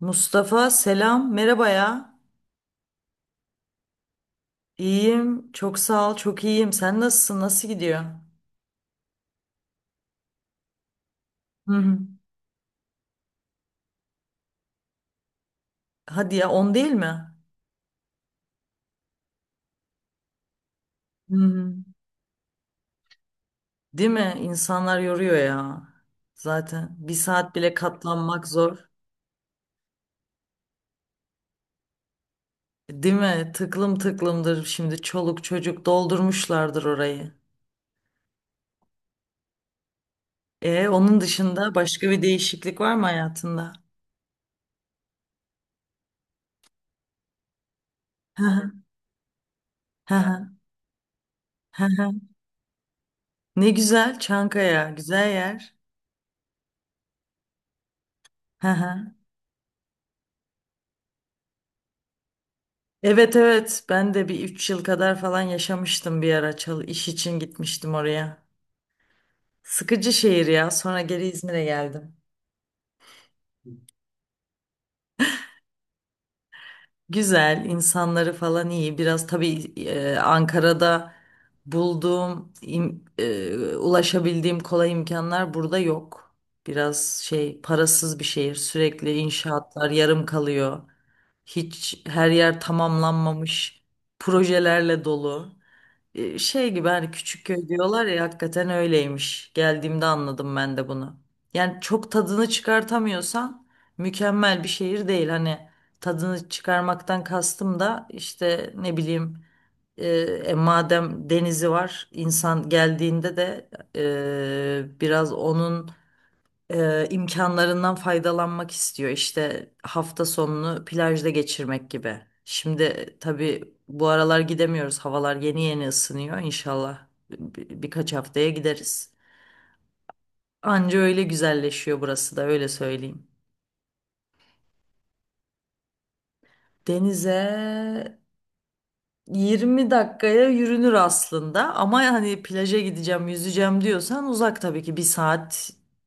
Mustafa selam, merhaba ya. İyiyim, çok sağ ol, çok iyiyim. Sen nasılsın, nasıl gidiyor? Hı hı. Hadi ya, 10 değil mi? Hı hı. Değil mi? İnsanlar yoruyor ya. Zaten bir saat bile katlanmak zor. Değil mi? Tıklım tıklımdır şimdi, çoluk çocuk doldurmuşlardır orayı. Onun dışında başka bir değişiklik var mı hayatında? Hı hı, hı hı, hı hı. Ne güzel, Çankaya güzel yer. Hı hı. Evet evet, ben de bir 3 yıl kadar falan yaşamıştım bir ara, iş için gitmiştim oraya. Sıkıcı şehir ya, sonra geri İzmir'e geldim. Güzel, insanları falan iyi, biraz tabii Ankara'da bulduğum, ulaşabildiğim kolay imkanlar burada yok. Biraz parasız bir şehir, sürekli inşaatlar yarım kalıyor. Hiç, her yer tamamlanmamış projelerle dolu. Şey gibi, hani küçük köy diyorlar ya, hakikaten öyleymiş. Geldiğimde anladım ben de bunu. Yani çok tadını çıkartamıyorsan mükemmel bir şehir değil. Hani tadını çıkarmaktan kastım da işte, ne bileyim, e, madem denizi var, insan geldiğinde de biraz onun imkanlarından faydalanmak istiyor. İşte hafta sonunu plajda geçirmek gibi. Şimdi tabii bu aralar gidemiyoruz. Havalar yeni yeni ısınıyor. İnşallah birkaç haftaya gideriz. Anca öyle güzelleşiyor burası da, öyle söyleyeyim. Denize 20 dakikaya yürünür aslında, ama hani plaja gideceğim, yüzeceğim diyorsan uzak tabii ki, bir saatte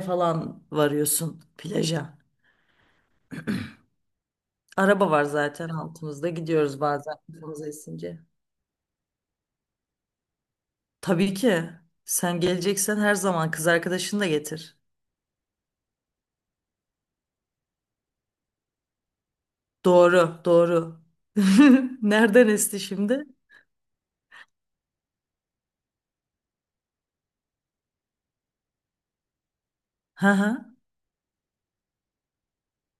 falan varıyorsun plaja. Araba var zaten altımızda. Gidiyoruz bazen, kafamıza esince. Tabii ki. Sen geleceksen her zaman, kız arkadaşını da getir. Doğru, doğru. Nereden esti şimdi? Hı hı.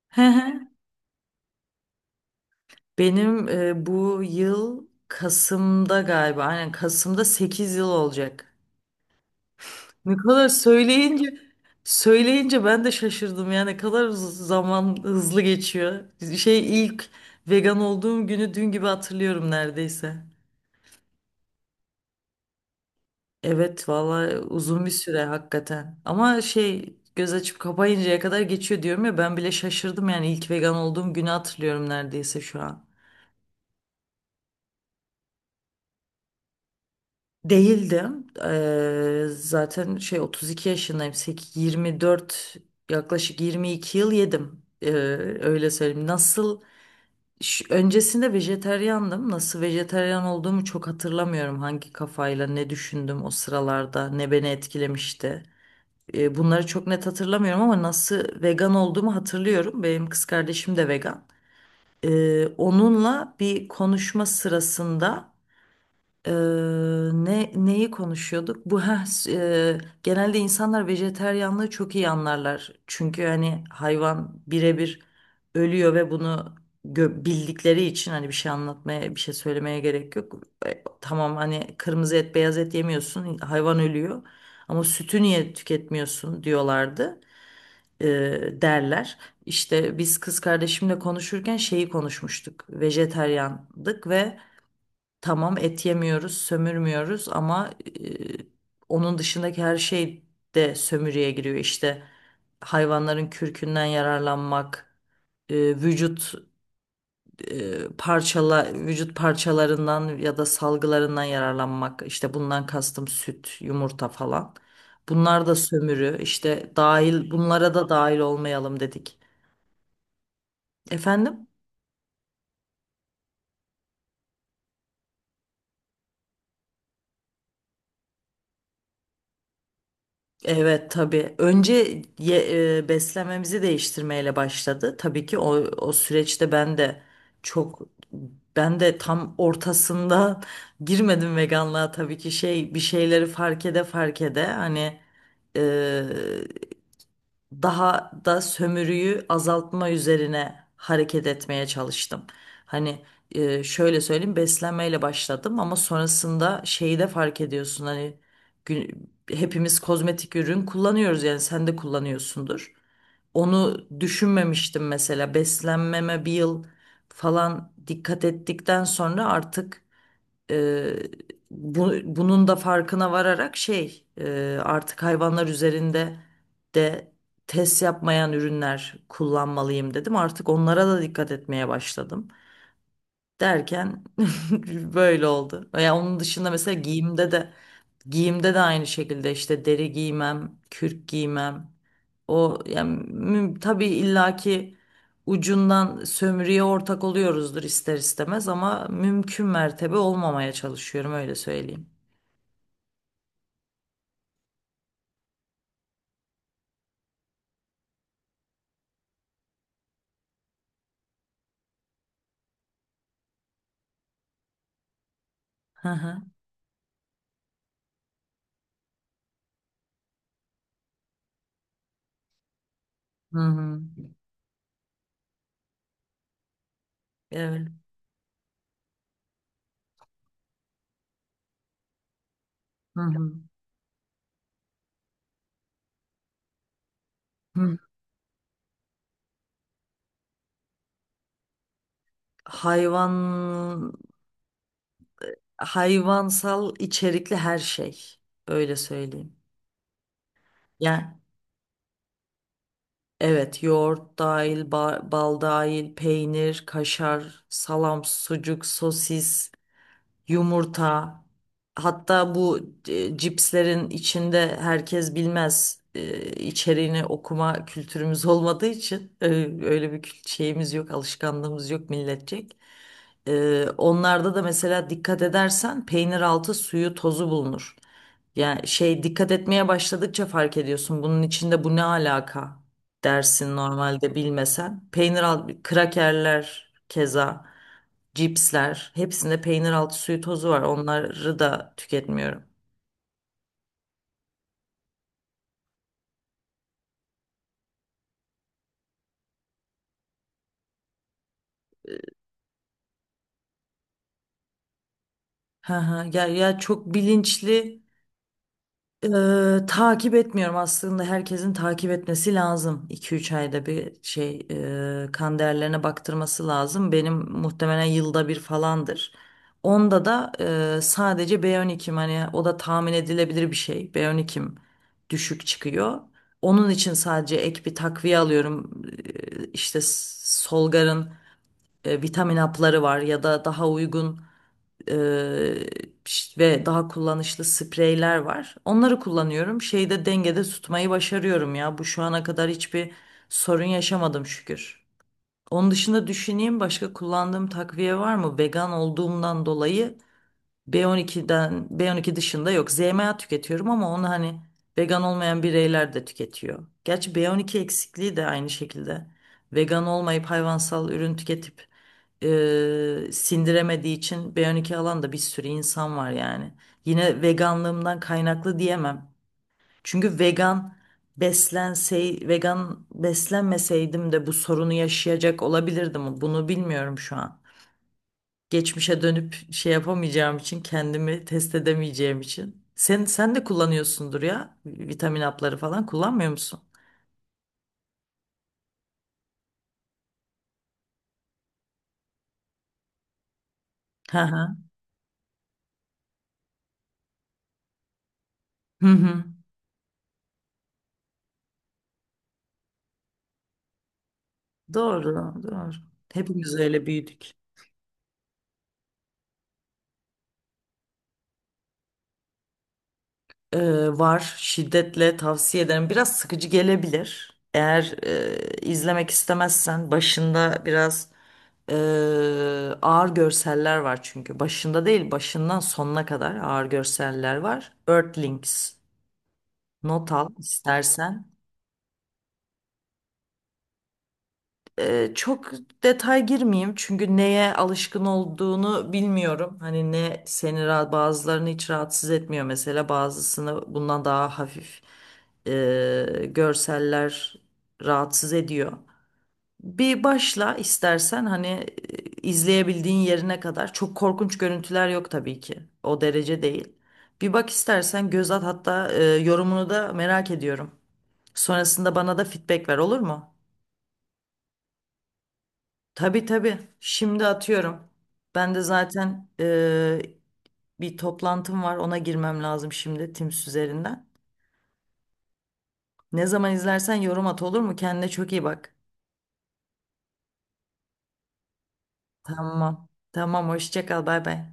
Hı hı. Benim bu yıl Kasım'da galiba. Aynen, Kasım'da 8 yıl olacak. Ne kadar söyleyince ben de şaşırdım ya, ne kadar zaman hızlı geçiyor. İlk vegan olduğum günü dün gibi hatırlıyorum neredeyse. Evet, vallahi uzun bir süre hakikaten. Ama göz açıp kapayıncaya kadar geçiyor diyorum ya, ben bile şaşırdım yani, ilk vegan olduğum günü hatırlıyorum neredeyse şu an. Değildim. Zaten 32 yaşındayım. 24, yaklaşık 22 yıl yedim. Öyle söyleyeyim. Öncesinde vejeteryandım. Nasıl vejeteryan olduğumu çok hatırlamıyorum. Hangi kafayla ne düşündüm o sıralarda, ne beni etkilemişti. Bunları çok net hatırlamıyorum, ama nasıl vegan olduğumu hatırlıyorum. Benim kız kardeşim de vegan. Onunla bir konuşma sırasında, Eee, ne konuşuyorduk? Bu ha Genelde insanlar vejeteryanlığı çok iyi anlarlar. Çünkü hani hayvan birebir ölüyor ve bunu bildikleri için, hani bir şey anlatmaya, bir şey söylemeye gerek yok. Tamam, hani kırmızı et, beyaz et yemiyorsun, hayvan ölüyor. Ama sütü niye tüketmiyorsun diyorlardı. Derler. İşte biz kız kardeşimle konuşurken şeyi konuşmuştuk. Vejeteryandık ve tamam, et yemiyoruz, sömürmüyoruz, ama e, onun dışındaki her şey de sömürüye giriyor. İşte hayvanların kürkünden yararlanmak, vücut, e, parçala vücut parçalarından ya da salgılarından yararlanmak. İşte bundan kastım süt, yumurta falan. Bunlar da sömürü. İşte bunlara da dahil olmayalım dedik. Efendim? Evet tabii. Önce beslenmemizi değiştirmeyle başladı. Tabii ki o süreçte çok ben de tam ortasında girmedim veganlığa tabii ki, bir şeyleri fark ede fark ede, hani e, daha da sömürüyü azaltma üzerine hareket etmeye çalıştım. Hani şöyle söyleyeyim, beslenmeyle başladım ama sonrasında şeyi de fark ediyorsun, hani gü- hepimiz kozmetik ürün kullanıyoruz, yani sen de kullanıyorsundur. Onu düşünmemiştim mesela. Beslenmeme bir yıl falan dikkat ettikten sonra, artık Eee, bunun da farkına vararak, artık hayvanlar üzerinde de test yapmayan ürünler kullanmalıyım dedim. Artık onlara da dikkat etmeye başladım. Derken böyle oldu. Ya, onun dışında mesela giyimde de aynı şekilde, işte deri giymem, kürk giymem. O yani, tabii illaki ucundan sömürüye ortak oluyoruzdur ister istemez, ama mümkün mertebe olmamaya çalışıyorum, öyle söyleyeyim. Hı hı. Hı hı. Evet. Hı hı. Hı. Hayvan Hayvansal içerikli her şey, öyle söyleyeyim. Yani evet, yoğurt dahil, bal dahil, peynir, kaşar, salam, sucuk, sosis, yumurta. Hatta bu cipslerin içinde, herkes bilmez, içeriğini okuma kültürümüz olmadığı için öyle bir şeyimiz yok, alışkanlığımız yok milletçek. Onlarda da mesela, dikkat edersen peynir altı suyu tozu bulunur. Yani dikkat etmeye başladıkça fark ediyorsun. Bunun içinde bu ne alaka dersin normalde, bilmesen. Krakerler keza, cipsler, hepsinde peynir altı suyu tozu var. Onları da tüketmiyorum. Ha ha, ya ya çok bilinçli takip etmiyorum aslında, herkesin takip etmesi lazım. İki üç ayda bir kan değerlerine baktırması lazım. Benim muhtemelen yılda bir falandır. Onda da sadece B12'm, hani o da tahmin edilebilir bir şey. B12'm düşük çıkıyor. Onun için sadece ek bir takviye alıyorum. İşte Solgar'ın vitamin hapları var, ya da daha uygun eee, ve daha kullanışlı spreyler var. Onları kullanıyorum. Dengede tutmayı başarıyorum ya. Bu şu ana kadar hiçbir sorun yaşamadım, şükür. Onun dışında düşüneyim, başka kullandığım takviye var mı? Vegan olduğumdan dolayı B12 dışında yok. ZMA tüketiyorum ama onu hani vegan olmayan bireyler de tüketiyor. Gerçi B12 eksikliği de aynı şekilde. Vegan olmayıp hayvansal ürün tüketip sindiremediği için B12 alan da bir sürü insan var yani. Yine veganlığımdan kaynaklı diyemem. Çünkü vegan beslenmeseydim de bu sorunu yaşayacak olabilirdim. Bunu bilmiyorum şu an, geçmişe dönüp şey yapamayacağım için, kendimi test edemeyeceğim için. Sen de kullanıyorsundur ya, vitamin hapları falan kullanmıyor musun? Hı hı. Hı hı. Doğru, doğru. Hepimiz öyle büyüdük. Ee, Var. Şiddetle tavsiye ederim. Biraz sıkıcı gelebilir. Eğer izlemek istemezsen, başında biraz e, ağır görseller var çünkü. Başında değil, başından sonuna kadar ağır görseller var. Earthlings. Not al istersen. Çok detay girmeyeyim, çünkü neye alışkın olduğunu bilmiyorum. Hani bazılarını hiç rahatsız etmiyor mesela, bazısını bundan daha hafif görseller rahatsız ediyor. Bir başla istersen, hani izleyebildiğin yerine kadar. Çok korkunç görüntüler yok tabii ki. O derece değil. Bir bak istersen, göz at hatta, yorumunu da merak ediyorum. Sonrasında bana da feedback ver, olur mu? Tabii tabii. Şimdi atıyorum. Ben de zaten bir toplantım var. Ona girmem lazım şimdi, Teams üzerinden. Ne zaman izlersen yorum at, olur mu? Kendine çok iyi bak. Tamam. Tamam. Hoşça kal. Bay bay.